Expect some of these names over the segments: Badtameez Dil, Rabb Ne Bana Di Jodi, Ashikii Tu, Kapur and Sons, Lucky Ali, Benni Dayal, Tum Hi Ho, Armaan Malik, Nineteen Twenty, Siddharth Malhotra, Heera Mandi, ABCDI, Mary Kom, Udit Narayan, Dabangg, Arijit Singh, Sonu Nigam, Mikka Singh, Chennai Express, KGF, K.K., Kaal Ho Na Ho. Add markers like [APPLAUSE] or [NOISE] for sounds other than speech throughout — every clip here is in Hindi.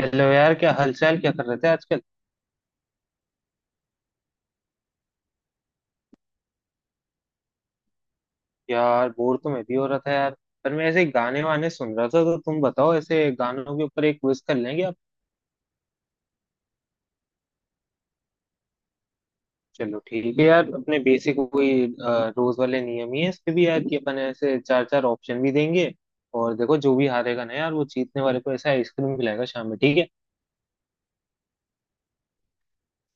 हेलो यार, क्या हालचाल? क्या कर रहे थे आजकल? यार बोर तो मैं भी हो रहा था यार। पर मैं ऐसे गाने वाने सुन रहा था, तो तुम बताओ ऐसे गानों के ऊपर एक क्विज कर लेंगे आप। चलो ठीक है यार, अपने बेसिक वही रोज वाले नियम ही है इसके भी यार, कि अपन ऐसे चार चार ऑप्शन भी देंगे। और देखो जो भी हारेगा ना यार, वो जीतने वाले को ऐसा आइसक्रीम खिलाएगा शाम में, ठीक है।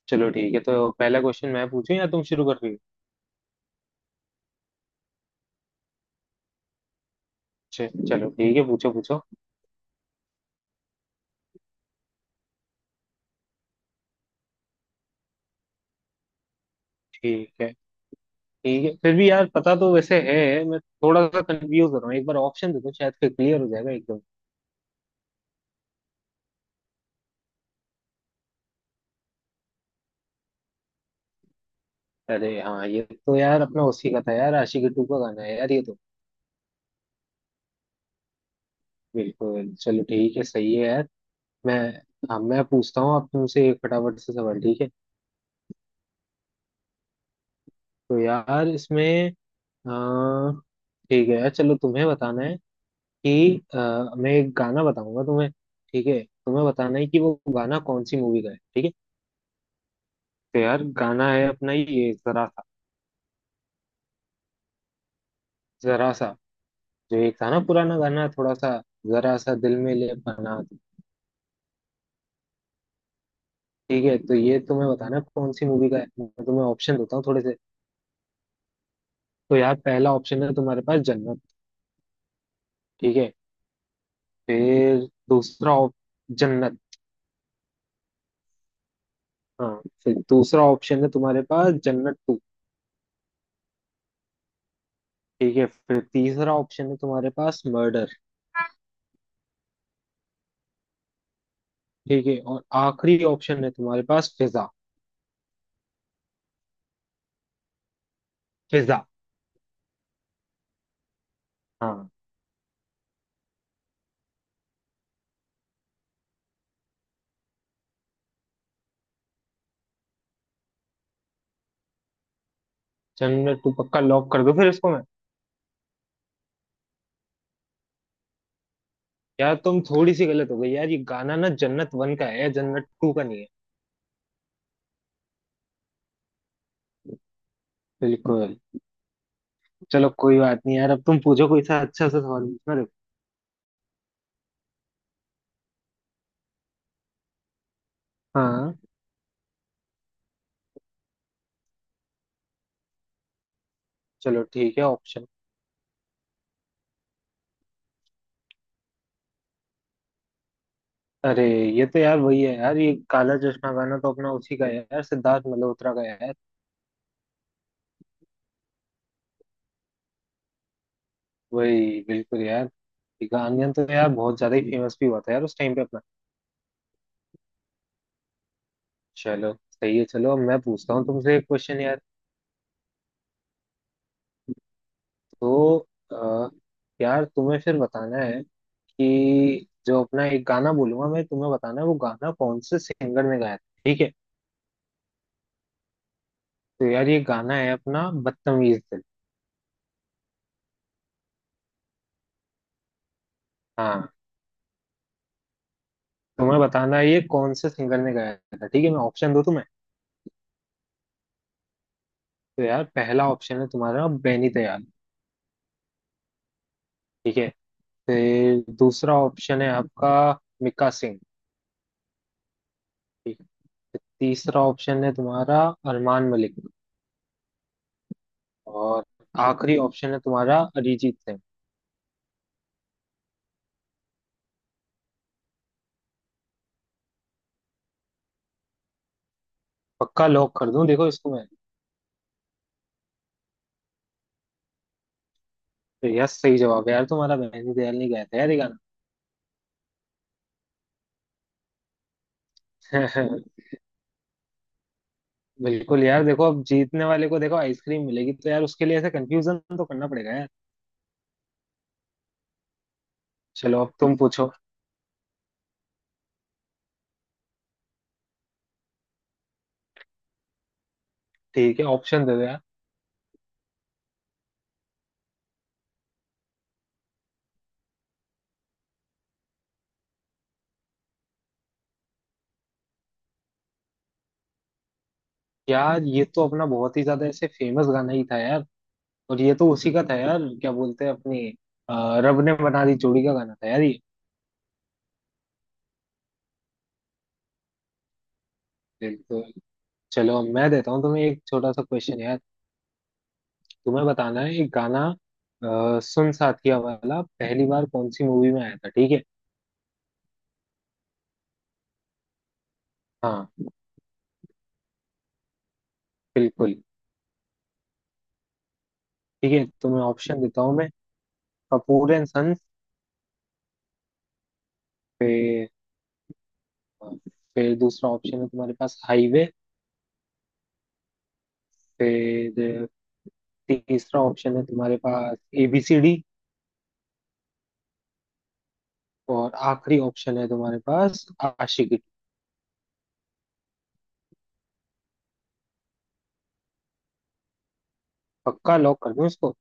चलो ठीक है, तो पहला क्वेश्चन मैं पूछूं या तुम शुरू कर रही हो? चलो ठीक है, पूछो पूछो। ठीक है। ठीक है फिर भी यार, पता तो वैसे है, मैं थोड़ा सा कंफ्यूज हो रहा हूँ, एक बार ऑप्शन दे दो, शायद फिर क्लियर हो जाएगा एकदम। अरे हाँ, ये तो यार अपना उसी का था यार, आशिकी टू का गाना है यार ये तो। बिल्कुल, चलो ठीक है, सही है यार। मैं, हाँ मैं पूछता हूँ आप तुमसे एक फटाफट से सवाल, ठीक है। तो यार इसमें अह, ठीक है यार, चलो तुम्हें बताना है कि मैं एक गाना बताऊंगा तुम्हें, ठीक है, तुम्हें बताना है कि वो गाना कौन सी मूवी का है, ठीक है। तो यार गाना है अपना, ये जरा सा। जरा सा, जो ये था ना पुराना गाना थोड़ा सा, जरा सा दिल में ले पना। ठीक है, तो ये तुम्हें बताना कौन सी मूवी का है, मैं तुम्हें ऑप्शन देता हूँ थोड़े से। तो यार पहला ऑप्शन है तुम्हारे पास जन्नत, ठीक है। फिर दूसरा जन्नत, हाँ। फिर दूसरा ऑप्शन है तुम्हारे पास जन्नत टू, ठीक है। फिर तीसरा ऑप्शन है तुम्हारे पास मर्डर, ठीक है। और आखिरी ऑप्शन है तुम्हारे पास फिजा। फिजा, हाँ। जन्नत टू पक्का लॉक कर दो फिर इसको मैं? यार तुम थोड़ी सी गलत हो गई यार, ये गाना ना जन्नत वन का है, जन्नत टू का नहीं है। बिल्कुल। चलो कोई बात नहीं यार, अब तुम पूछो कोई सा अच्छा सा सवाल पूछना, देखो। हाँ, चलो ठीक है ऑप्शन। अरे, ये तो यार वही है यार, ये काला चश्मा गाना तो अपना उसी का है यार, सिद्धार्थ मल्होत्रा का है यार। वही बिल्कुल यार, ये गाना तो यार बहुत ज्यादा ही फेमस भी हुआ था यार उस टाइम पे अपना। चलो सही है, चलो अब मैं पूछता हूँ तुमसे एक क्वेश्चन यार। तो अ, यार तुम्हें फिर बताना है कि जो अपना एक गाना बोलूंगा मैं, तुम्हें बताना है वो गाना कौन से सिंगर ने गाया था, ठीक है। तो यार ये गाना है अपना बदतमीज दिल। हाँ, तुम्हें बताना है ये कौन से सिंगर ने गाया था, ठीक है, मैं ऑप्शन दूं तुम्हें। तो यार पहला ऑप्शन है तुम्हारा बेनी दयाल, ठीक है। फिर दूसरा ऑप्शन है आपका मिक्का सिंह, ठीक है। फिर तीसरा ऑप्शन है तुम्हारा अरमान मलिक। और आखिरी ऑप्शन है तुम्हारा अरिजीत सिंह। पक्का लॉक कर दूं देखो इसको मैं? तो यार सही जवाब है यार, तुम्हारा बेनी दयाल नहीं गाया था यार ये गाना। [LAUGHS] बिल्कुल यार, देखो अब जीतने वाले को देखो आइसक्रीम मिलेगी, तो यार उसके लिए ऐसे कंफ्यूजन तो करना पड़ेगा यार। चलो अब तुम पूछो। ठीक है, ऑप्शन दे दो यार। यार ये तो अपना बहुत ही ज्यादा ऐसे फेमस गाना ही था यार, और ये तो उसी का था यार, क्या बोलते हैं अपनी, रब ने बना दी जोड़ी का गाना था यार ये। बिल्कुल। चलो अब मैं देता हूँ तुम्हें एक छोटा सा क्वेश्चन यार। तुम्हें बताना है एक गाना, सुन साथिया वाला पहली बार कौन सी मूवी में आया था, ठीक है। हाँ, बिल्कुल। ठीक है, तुम्हें ऑप्शन देता हूँ मैं। कपूर एंड सन्स, फिर फिर दूसरा ऑप्शन है तुम्हारे पास हाईवे। फिर तीसरा ऑप्शन है तुम्हारे पास एबीसीडी। और आखिरी ऑप्शन है तुम्हारे पास आशिकी। पक्का लॉक कर दूं इसको?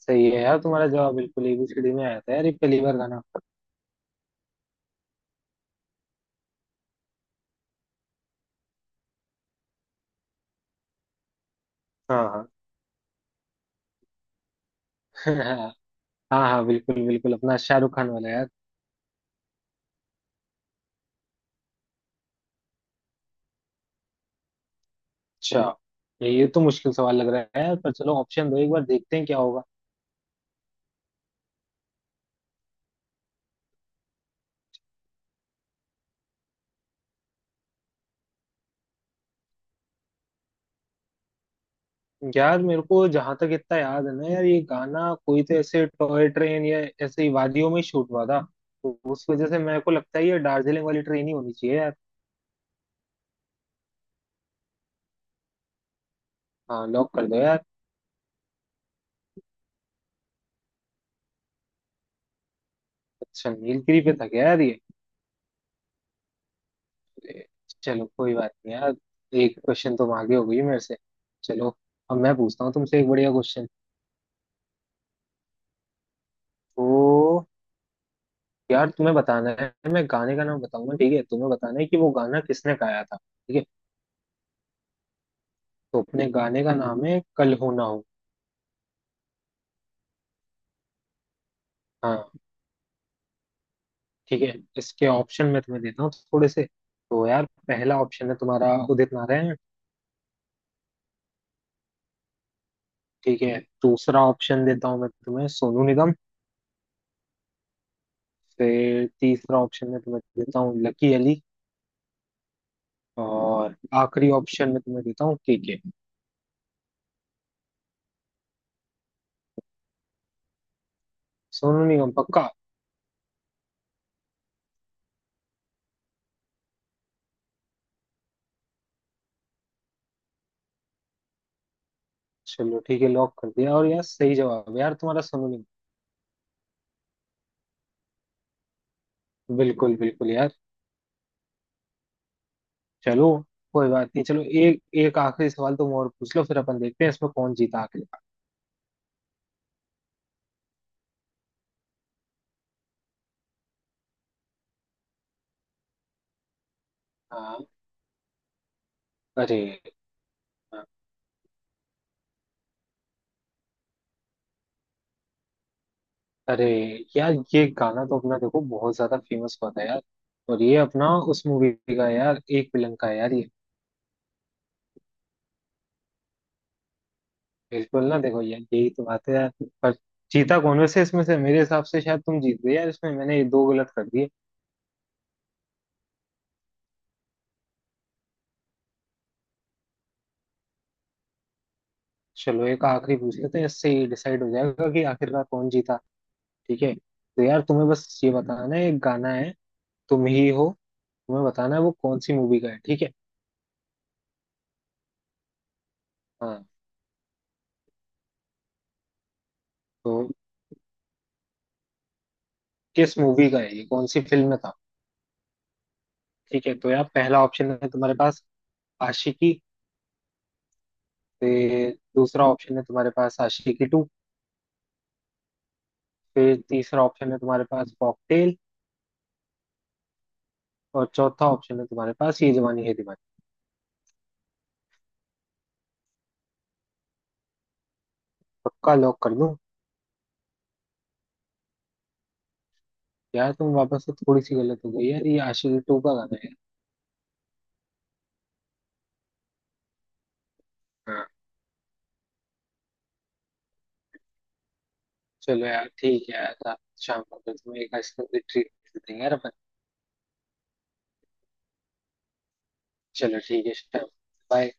सही है यार, तुम्हारा जवाब बिल्कुल, एबीसीडी में आया था यार ये पहली बार गाना। हाँ हाँ। [LAUGHS] हाँ हाँ बिल्कुल बिल्कुल, अपना शाहरुख खान वाला यार। अच्छा, ये तो मुश्किल सवाल लग रहा है यार, पर चलो ऑप्शन दो एक बार, देखते हैं क्या होगा। यार मेरे को जहां तक इतना याद है ना यार, ये गाना कोई तो ऐसे टॉय ट्रेन या ऐसे ही वादियों में शूट हुआ था, तो उस वजह से मेरे को लगता है ये दार्जिलिंग वाली ट्रेन ही होनी चाहिए यार। हाँ, लॉक कर दो यार। अच्छा, नीलगिरी पे था क्या यार ये? ए, चलो कोई बात नहीं यार, एक क्वेश्चन तुम आगे हो गई मेरे से। चलो अब मैं पूछता हूँ तुमसे एक बढ़िया क्वेश्चन। तो यार तुम्हें बताना है, मैं गाने का नाम बताऊंगा, ठीक है, तुम्हें बताना है कि वो गाना किसने गाया था, ठीक है। तो अपने गाने का नाम है कल हो ना हो। हाँ, ठीक है, इसके ऑप्शन मैं तुम्हें देता हूँ थोड़े से। तो यार पहला ऑप्शन है तुम्हारा उदित नारायण, ठीक है। दूसरा ऑप्शन देता हूँ मैं तुम्हें सोनू निगम। फिर तीसरा ऑप्शन मैं तुम्हें देता हूँ लकी अली। और आखिरी ऑप्शन में तुम्हें देता हूँ के के। सोनू निगम पक्का? चलो ठीक है, लॉक कर दिया, और यार सही जवाब है यार तुम्हारा, सोनू निगम। बिल्कुल बिल्कुल यार। चलो कोई बात नहीं, चलो एक एक आखिरी सवाल तुम और पूछ लो, फिर अपन देखते हैं इसमें कौन जीता आखिर। हाँ। अरे, अरे यार, ये गाना तो अपना देखो बहुत ज्यादा फेमस हुआ था यार, और ये अपना उस मूवी का है यार, एक विलन का है यार ये। बिल्कुल ना, देखो यार यही तो बात है यार। पर जीता कौन वैसे इसमें से, मेरे हिसाब से शायद तुम जीत गए यार इसमें, मैंने ये दो गलत कर दिए। चलो एक आखिरी पूछ लेते हैं, इससे ही डिसाइड हो जाएगा कि आखिरकार कौन जीता। ठीक है, तो यार तुम्हें बस ये बताना है, एक गाना है, तुम ही हो, तुम्हें बताना है वो कौन सी मूवी का है, ठीक है। हाँ। तो किस मूवी का है ये, कौन सी फिल्म में था, ठीक है। तो यार पहला ऑप्शन है तुम्हारे पास आशिकी। फिर दूसरा ऑप्शन है तुम्हारे पास आशिकी टू। फिर तीसरा ऑप्शन है तुम्हारे पास कॉकटेल। और चौथा ऑप्शन है तुम्हारे पास ये जवानी है दीवानी। पक्का लॉक कर दूं? यार तुम वापस से थोड़ी सी गलत हो गई यार, ये आशिकी टू का गाना है। हाँ। चलो यार ठीक है यार, रात शाम को फिर तुम्हें एक आइसक्रीम की ट्रीट देंगे यार अपन। चलो ठीक है, शाम, बाय।